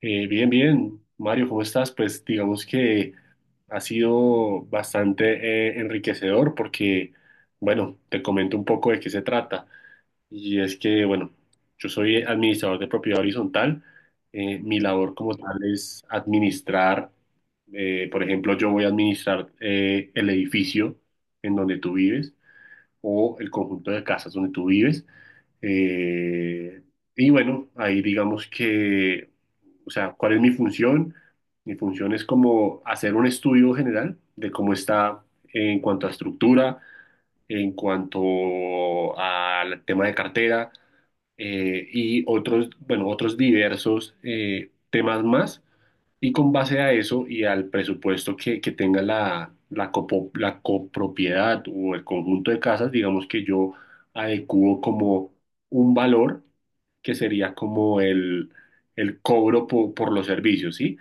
Bien, bien. Mario, ¿cómo estás? Pues digamos que ha sido bastante enriquecedor porque, bueno, te comento un poco de qué se trata. Y es que, bueno, yo soy administrador de propiedad horizontal. Mi labor como tal es administrar, por ejemplo, yo voy a administrar el edificio en donde tú vives o el conjunto de casas donde tú vives. Eh, y bueno, ahí digamos que... O sea, ¿cuál es mi función? Mi función es como hacer un estudio general de cómo está en cuanto a estructura, en cuanto al tema de cartera y otros, bueno, otros diversos temas más y con base a eso y al presupuesto que tenga la copropiedad o el conjunto de casas, digamos que yo adecuo como un valor que sería como el cobro por los servicios, ¿sí?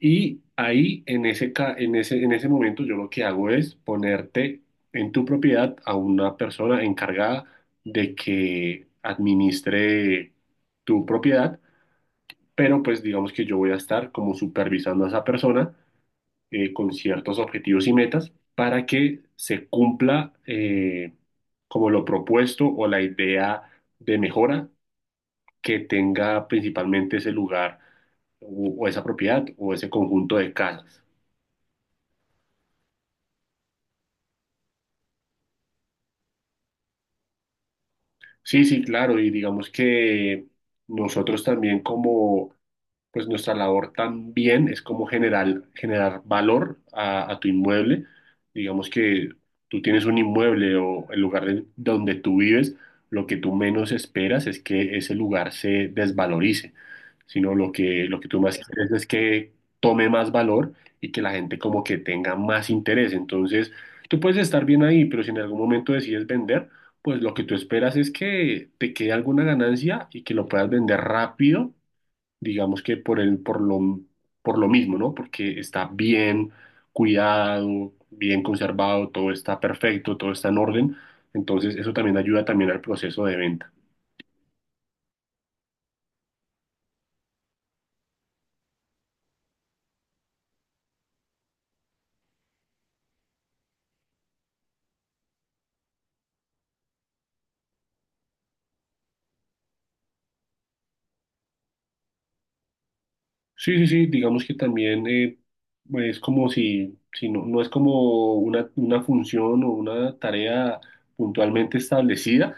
Y ahí en ese, ca- en ese momento yo lo que hago es ponerte en tu propiedad a una persona encargada de que administre tu propiedad, pero pues digamos que yo voy a estar como supervisando a esa persona con ciertos objetivos y metas para que se cumpla como lo propuesto o la idea de mejora que tenga principalmente ese lugar o esa propiedad o ese conjunto de casas. Sí, sí, claro, y digamos que nosotros también, como pues nuestra labor también es como generar valor a tu inmueble. Digamos que tú tienes un inmueble o el lugar donde tú vives, lo que tú menos esperas es que ese lugar se desvalorice, sino lo que tú más quieres es que tome más valor y que la gente como que tenga más interés. Entonces, tú puedes estar bien ahí, pero si en algún momento decides vender, pues lo que tú esperas es que te quede alguna ganancia y que lo puedas vender rápido, digamos que por lo mismo, ¿no? Porque está bien cuidado, bien conservado, todo está perfecto, todo está en orden. Entonces, eso también ayuda también al proceso de venta. Sí, sí, sí, digamos que también es como si, si no, no es como una función o una tarea puntualmente establecida,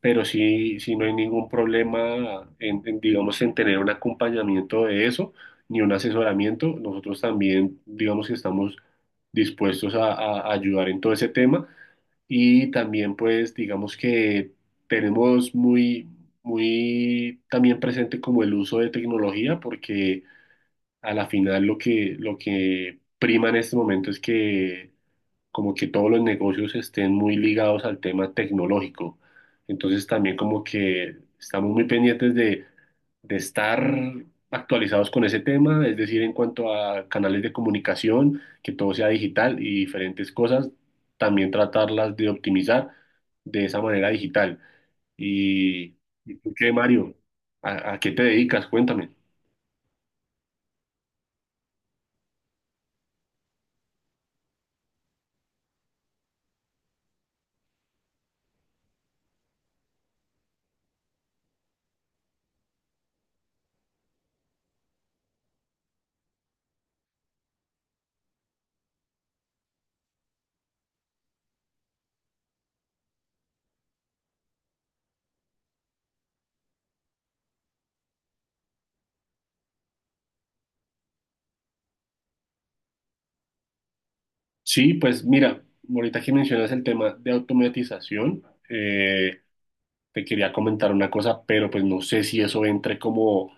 pero sí, sí, no hay ningún problema digamos, en tener un acompañamiento de eso, ni un asesoramiento. Nosotros también, digamos que estamos dispuestos a ayudar en todo ese tema. Y también, pues, digamos que tenemos muy también presente como el uso de tecnología, porque a la final lo que prima en este momento es que como que todos los negocios estén muy ligados al tema tecnológico. Entonces también como que estamos muy pendientes de estar actualizados con ese tema, es decir, en cuanto a canales de comunicación, que todo sea digital y diferentes cosas, también tratarlas de optimizar de esa manera digital. ¿Y, ¿Y tú qué, Mario? A qué te dedicas? Cuéntame. Sí, pues mira, ahorita que mencionas el tema de automatización, eh, te quería comentar una cosa, pero pues no sé si eso entre como,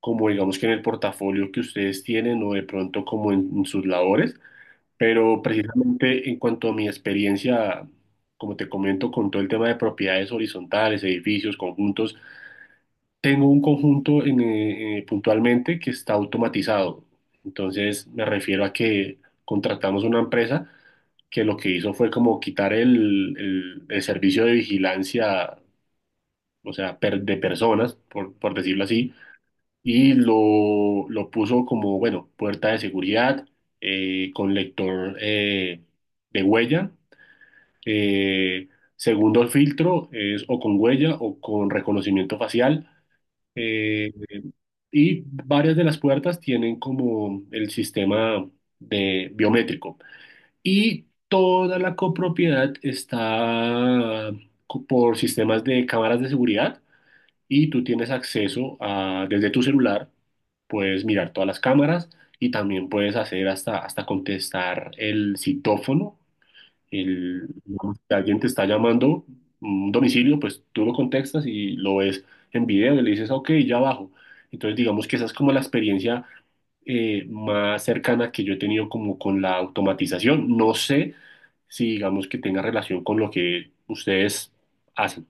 como digamos que en el portafolio que ustedes tienen o de pronto como en sus labores, pero precisamente en cuanto a mi experiencia, como te comento, con todo el tema de propiedades horizontales, edificios, conjuntos, tengo un conjunto en, puntualmente, que está automatizado. Entonces me refiero a que contratamos una empresa que lo que hizo fue como quitar el servicio de vigilancia, o sea, de personas, por decirlo así, y lo puso como, bueno, puerta de seguridad, con lector de huella. Eh, segundo filtro es o con huella o con reconocimiento facial. Eh, y varias de las puertas tienen como el sistema de biométrico. Y toda la copropiedad está por sistemas de cámaras de seguridad, y tú tienes acceso a, desde tu celular, puedes mirar todas las cámaras y también puedes hacer hasta contestar el citófono. El, digamos, que alguien te está llamando un domicilio, pues tú lo contestas y lo ves en video y le dices, ok, ya bajo. Entonces digamos que esa es como la experiencia más cercana que yo he tenido como con la automatización. No sé si digamos que tenga relación con lo que ustedes hacen.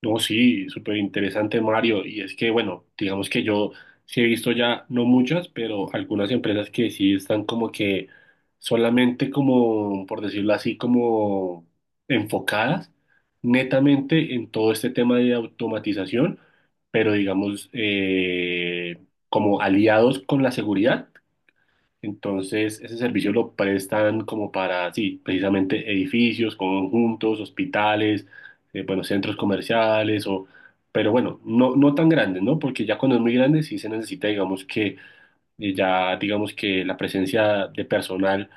No, sí, súper interesante, Mario. Y es que, bueno, digamos que yo sí he visto ya, no muchas, pero algunas empresas que sí están como que solamente como, por decirlo así, como enfocadas netamente en todo este tema de automatización, pero digamos, como aliados con la seguridad. Entonces, ese servicio lo prestan como para, sí, precisamente edificios, conjuntos, hospitales, bueno, centros comerciales, o, pero bueno, no tan grandes, ¿no? Porque ya cuando es muy grande sí se necesita, digamos que ya, digamos que la presencia de personal,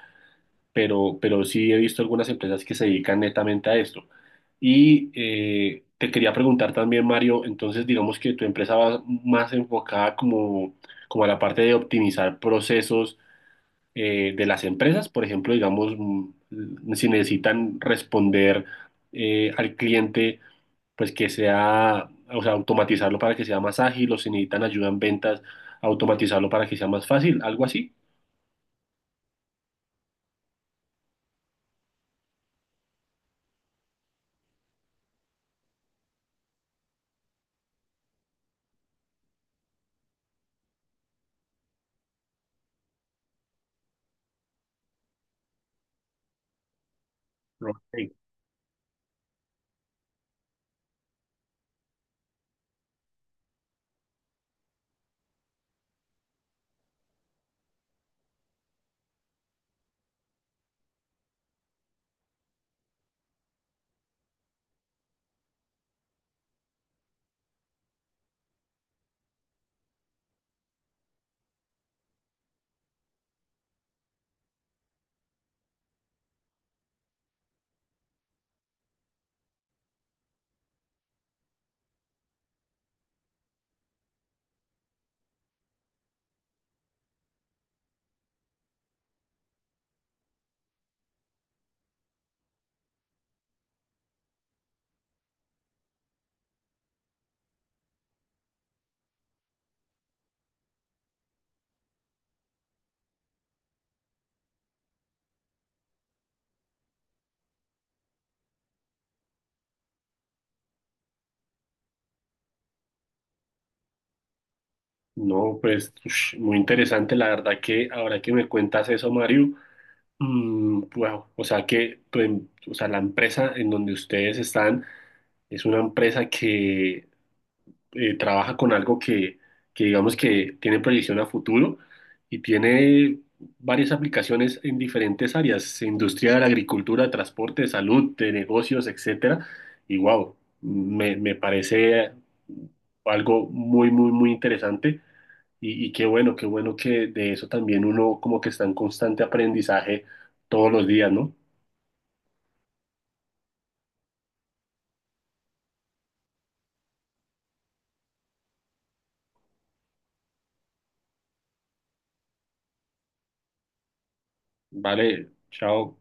pero sí he visto algunas empresas que se dedican netamente a esto. Y te quería preguntar también, Mario, entonces digamos que tu empresa va más enfocada como, como a la parte de optimizar procesos de las empresas, por ejemplo, digamos, mm, si necesitan responder al cliente, pues que sea, o sea, automatizarlo para que sea más ágil, o si necesitan ayuda en ventas, automatizarlo para que sea más fácil, algo así. Ok. No, pues ush, muy interesante, la verdad, que ahora que me cuentas eso, Mario, mm, wow, o sea que o sea, la empresa en donde ustedes están es una empresa que trabaja con algo que digamos que tiene proyección a futuro y tiene varias aplicaciones en diferentes áreas, industria de la agricultura, transporte, salud, de negocios, etcétera. Y wow, me parece algo muy interesante. Y qué bueno que de eso también uno como que está en constante aprendizaje todos los días, ¿no? Vale, chao.